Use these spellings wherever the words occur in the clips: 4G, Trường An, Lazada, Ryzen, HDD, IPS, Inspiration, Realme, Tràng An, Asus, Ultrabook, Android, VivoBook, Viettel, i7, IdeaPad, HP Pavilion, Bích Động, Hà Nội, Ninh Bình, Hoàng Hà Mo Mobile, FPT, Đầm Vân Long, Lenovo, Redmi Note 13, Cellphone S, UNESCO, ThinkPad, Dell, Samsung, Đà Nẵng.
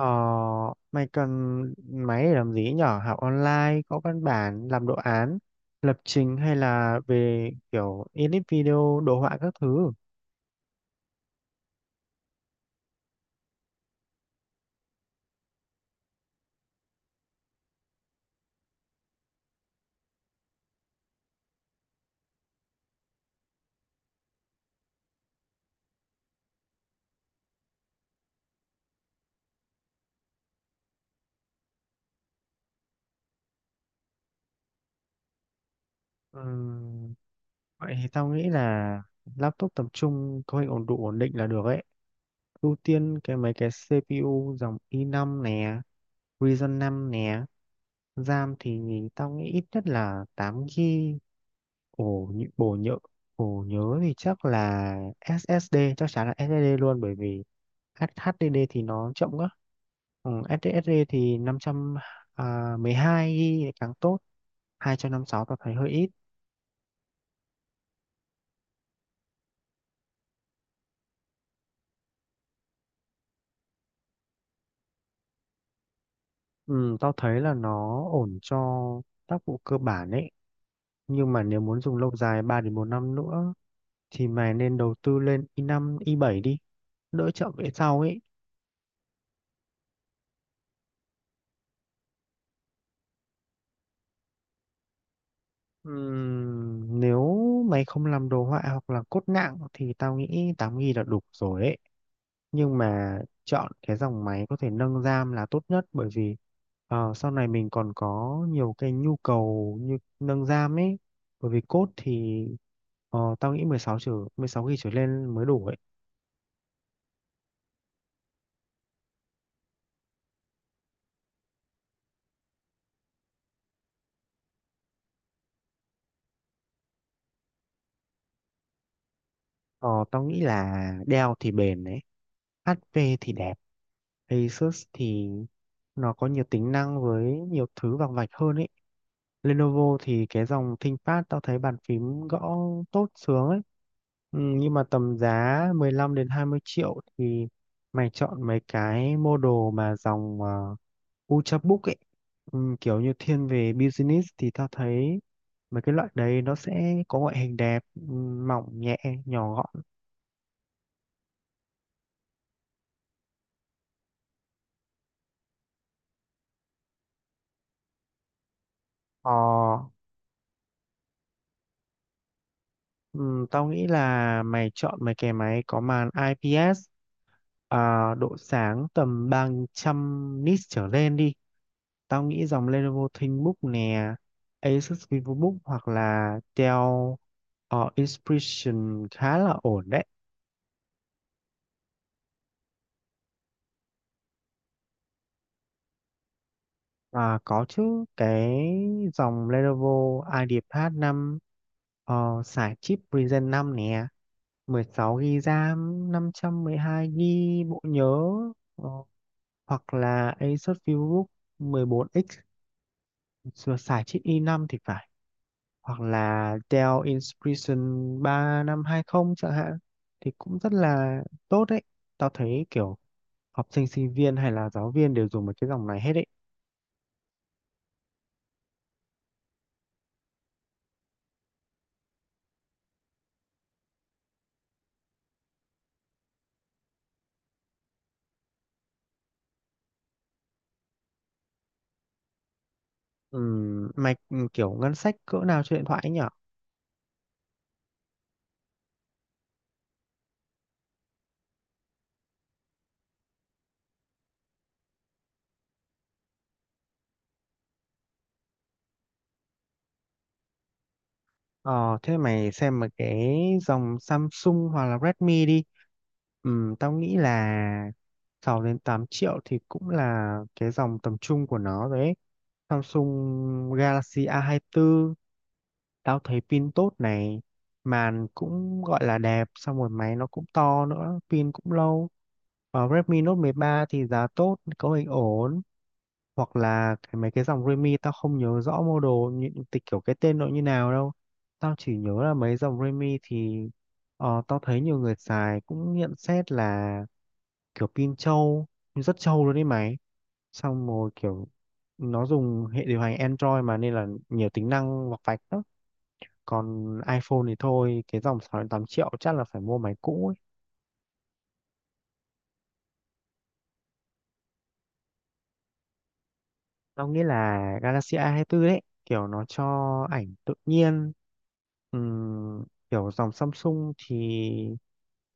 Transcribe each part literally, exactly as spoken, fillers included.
Ờ, mày cần máy để làm gì nhở? Học online, có văn bản, làm đồ án, lập trình hay là về kiểu edit video, đồ họa các thứ. Ừm, vậy thì tao nghĩ là laptop tầm trung có hình ổn đủ ổn định là được ấy. Ưu tiên cái mấy cái si pi u dòng i năm nè, Ryzen năm nè. RAM thì tao nghĩ ít nhất là tám gi bi. Ồ, nhớ, ồ nhớ, ồ nhớ thì chắc là ét ét đê, chắc chắn là ét ét đê luôn, bởi vì H- hát đê đê thì nó chậm quá. Ừ, ét ét đê thì năm trăm mười hai gi bi càng tốt, hai trăm năm mươi sáu tao thấy hơi ít. Ừ, tao thấy là nó ổn cho tác vụ cơ bản ấy. Nhưng mà nếu muốn dùng lâu dài ba đến bốn năm nữa thì mày nên đầu tư lên i năm, i bảy đi, đỡ chậm về sau ấy. Ừm, nếu mày không làm đồ họa hoặc là cốt nặng thì tao nghĩ tám gi bi là đủ rồi ấy. Nhưng mà chọn cái dòng máy có thể nâng RAM là tốt nhất, bởi vì ờ, sau này mình còn có nhiều cái nhu cầu như nâng RAM ấy. Bởi vì cốt thì ờ, tao nghĩ 16 trở mười sáu gi bi trở lên mới đủ ấy. Ờ, tao nghĩ là Dell thì bền đấy, hát pê thì đẹp, Asus thì nó có nhiều tính năng với nhiều thứ vằng vạch hơn ấy. Lenovo thì cái dòng ThinkPad tao thấy bàn phím gõ tốt sướng ấy. Ừ, nhưng mà tầm giá mười lăm đến hai mươi triệu thì mày chọn mấy cái model mà dòng uh, Ultrabook ấy. Ừ, kiểu như thiên về business thì tao thấy mấy cái loại đấy nó sẽ có ngoại hình đẹp, ừ, mỏng nhẹ, nhỏ gọn. Ờ, ừ, tao nghĩ là mày chọn mấy cái máy có màn i pê ét, à, độ sáng tầm ba trăm nits trở lên đi. Tao nghĩ dòng Lenovo ThinkBook nè, Asus VivoBook hoặc là Dell, uh, Inspiration khá là ổn đấy. Và có chứ, cái dòng Lenovo IdeaPad năm, ờ, xài chip Ryzen năm nè, mười sáu gi bi RAM, năm trăm mười hai gi bi bộ nhớ, ờ, hoặc là Asus VivoBook mười bốn ích xài chip i năm thì phải. Hoặc là Dell Inspiration ba năm hai mươi chẳng hạn thì cũng rất là tốt đấy. Tao thấy kiểu học sinh sinh viên hay là giáo viên đều dùng một cái dòng này hết đấy. Ừm, mày kiểu ngân sách cỡ nào cho điện thoại ấy nhở? Ờ, thế mày xem một cái dòng Samsung hoặc là Redmi đi. Ừm, tao nghĩ là sáu đến tám triệu thì cũng là cái dòng tầm trung của nó đấy. Samsung Galaxy a hai tư, hai tư. Tao thấy pin tốt này, màn cũng gọi là đẹp, xong rồi máy nó cũng to nữa, pin cũng lâu. Và Redmi Note mười ba thì giá tốt, cấu hình ổn. Hoặc là cái, mấy cái dòng Redmi tao không nhớ rõ model, những tịch kiểu cái tên nó như nào đâu. Tao chỉ nhớ là mấy dòng Redmi thì ờ, tao thấy nhiều người xài cũng nhận xét là kiểu pin trâu, rất trâu luôn đấy máy. Xong rồi kiểu nó dùng hệ điều hành Android mà, nên là nhiều tính năng vọc vạch lắm. Còn iPhone thì thôi, cái dòng sáu đến tám triệu chắc là phải mua máy cũ. Tao nghĩ là Galaxy a hai tư đấy, kiểu nó cho ảnh tự nhiên. Ừm, kiểu dòng Samsung thì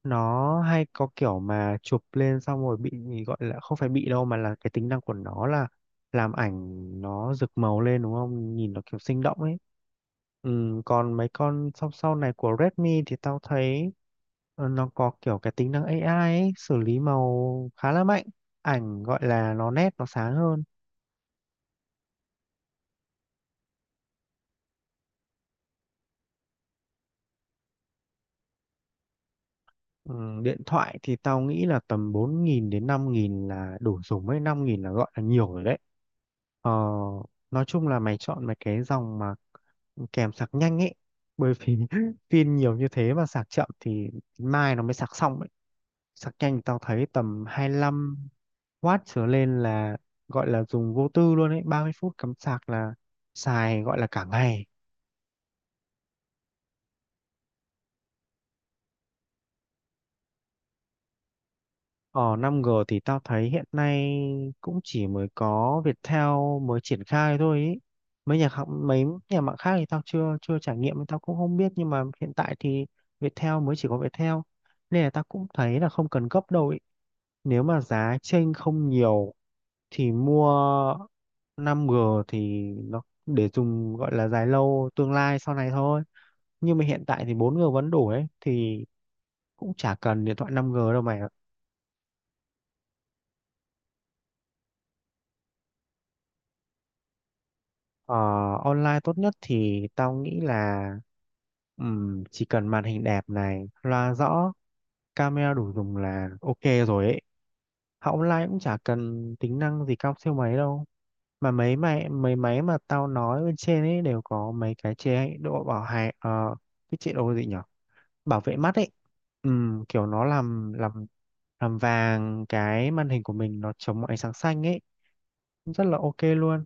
nó hay có kiểu mà chụp lên xong rồi bị, gọi là không phải bị đâu, mà là cái tính năng của nó là làm ảnh nó rực màu lên, đúng không, nhìn nó kiểu sinh động ấy. Ừm, còn mấy con sau sau này của Redmi thì tao thấy ờ, nó có kiểu cái tính năng ây ai ấy, xử lý màu khá là mạnh, ảnh gọi là nó nét nó sáng hơn. Ừ, điện thoại thì tao nghĩ là tầm bốn nghìn đến năm nghìn là đủ dùng, mấy năm nghìn là gọi là nhiều rồi đấy. Ờ, nói chung là mày chọn mấy cái dòng mà kèm sạc nhanh ấy. Bởi vì pin nhiều như thế mà sạc chậm thì mai nó mới sạc xong ấy. Sạc nhanh tao thấy tầm hai lăm oát trở lên là gọi là dùng vô tư luôn ấy. Ba mươi phút cắm sạc là xài gọi là cả ngày. Ờ năm giê thì tao thấy hiện nay cũng chỉ mới có Viettel mới triển khai thôi ý. Mấy nhà khác, mấy nhà mạng khác thì tao chưa chưa trải nghiệm nên tao cũng không biết, nhưng mà hiện tại thì Viettel, mới chỉ có Viettel, nên là tao cũng thấy là không cần gấp đâu ý. Nếu mà giá chênh không nhiều thì mua năm giê thì nó để dùng gọi là dài lâu tương lai sau này thôi. Nhưng mà hiện tại thì bốn giê vẫn đủ ấy, thì cũng chả cần điện thoại năm giê đâu mày. Ờ, online tốt nhất thì tao nghĩ là ừm, chỉ cần màn hình đẹp này, loa rõ, camera đủ dùng là ok rồi ấy. Học online cũng chả cần tính năng gì cao siêu mấy đâu. Mà mấy máy mấy máy mà tao nói bên trên ấy đều có mấy cái chế độ bảo hại, ờ, cái chế độ gì nhở? Bảo vệ mắt ấy. Ừm, kiểu nó làm làm làm vàng cái màn hình của mình, nó chống ánh sáng xanh ấy, rất là ok luôn.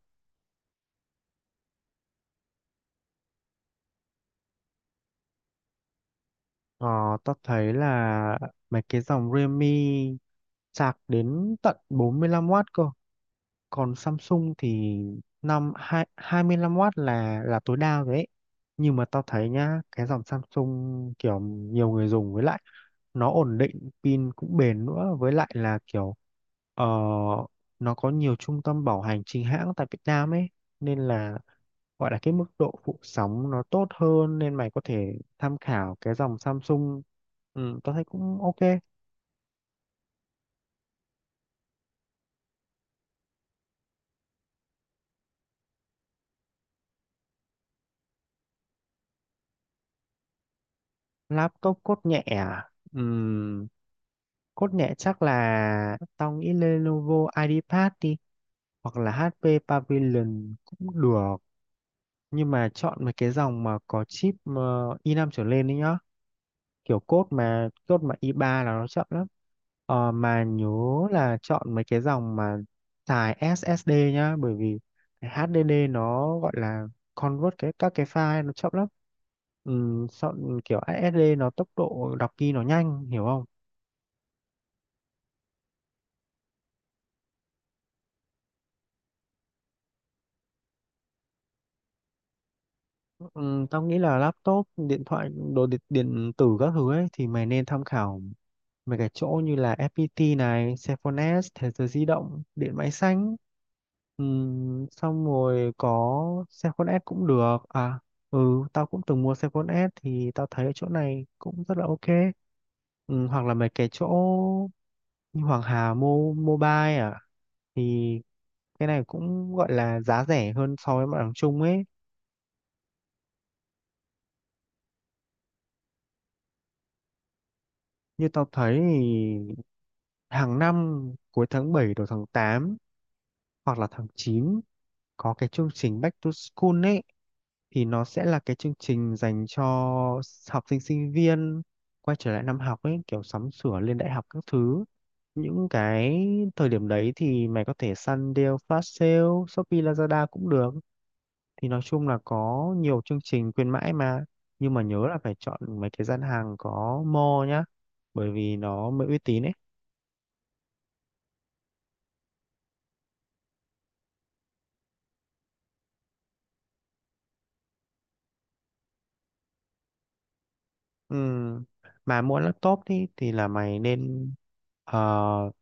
Ờ, tao thấy là mấy cái dòng Realme sạc đến tận bốn mươi lăm oát cơ. Còn Samsung thì năm hai- 25W là là tối đa rồi ấy. Nhưng mà tao thấy nhá, cái dòng Samsung kiểu nhiều người dùng, với lại nó ổn định, pin cũng bền nữa, với lại là kiểu ờ, nó có nhiều trung tâm bảo hành chính hãng tại Việt Nam ấy, nên là gọi là cái mức độ phụ sóng nó tốt hơn, nên mày có thể tham khảo cái dòng Samsung, ừ, tao thấy cũng ok. Laptop cốt nhẹ à? Ừm, cốt nhẹ chắc là tao nghĩ Lenovo IdeaPad đi, hoặc là hát pê Pavilion cũng được, nhưng mà chọn mấy cái dòng mà có chip ờ, i năm trở lên đấy nhá. Kiểu code mà code mà i ba là nó chậm lắm. Ờ, mà nhớ là chọn mấy cái dòng mà xài ét ét đê nhá, bởi vì cái hát đê đê nó gọi là convert cái các cái file nó chậm lắm. Ừm, chọn kiểu ét ét đê nó tốc độ đọc ghi nó nhanh, hiểu không? Ừm, tao nghĩ là laptop điện thoại đồ điện, điện tử các thứ ấy thì mày nên tham khảo mấy cái chỗ như là ép pê tê này, Cellphone S, Thế giới di động, điện máy xanh. Ừm, xong rồi có xe con S cũng được, à, ừ tao cũng từng mua xe con S thì tao thấy ở chỗ này cũng rất là ok. Ừm, hoặc là mấy cái chỗ như Hoàng Hà Mo Mobile, à, thì cái này cũng gọi là giá rẻ hơn so với mặt bằng chung ấy. Như tao thấy thì hàng năm cuối tháng bảy đầu tháng tám hoặc là tháng chín có cái chương trình Back to School ấy, thì nó sẽ là cái chương trình dành cho s- học sinh sinh viên quay trở lại năm học ấy, kiểu sắm sửa lên đại học các thứ. Những cái thời điểm đấy thì mày có thể săn deal flash sale Shopee Lazada cũng được, thì nói chung là có nhiều chương trình khuyến mãi mà, nhưng mà nhớ là phải chọn mấy cái gian hàng có mall nhá, bởi vì nó mới uy tín ấy. Ừ. Mà mua laptop thì thì là mày nên ờ,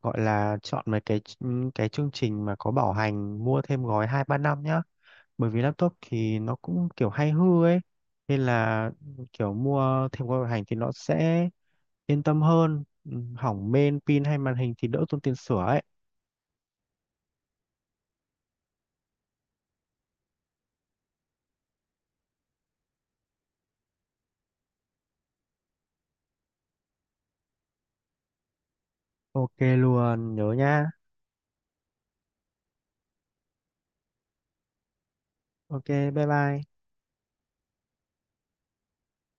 gọi là chọn mấy cái ch- cái chương trình mà có bảo hành, mua thêm gói hai ba năm nhá. Bởi vì laptop thì nó cũng kiểu hay hư ấy, nên là kiểu mua thêm gói bảo hành thì nó sẽ yên tâm hơn. Ừ, Hỏng main pin hay màn hình thì đỡ tốn tiền sửa ấy. Ok luôn, nhớ nha. Ok, bye bye.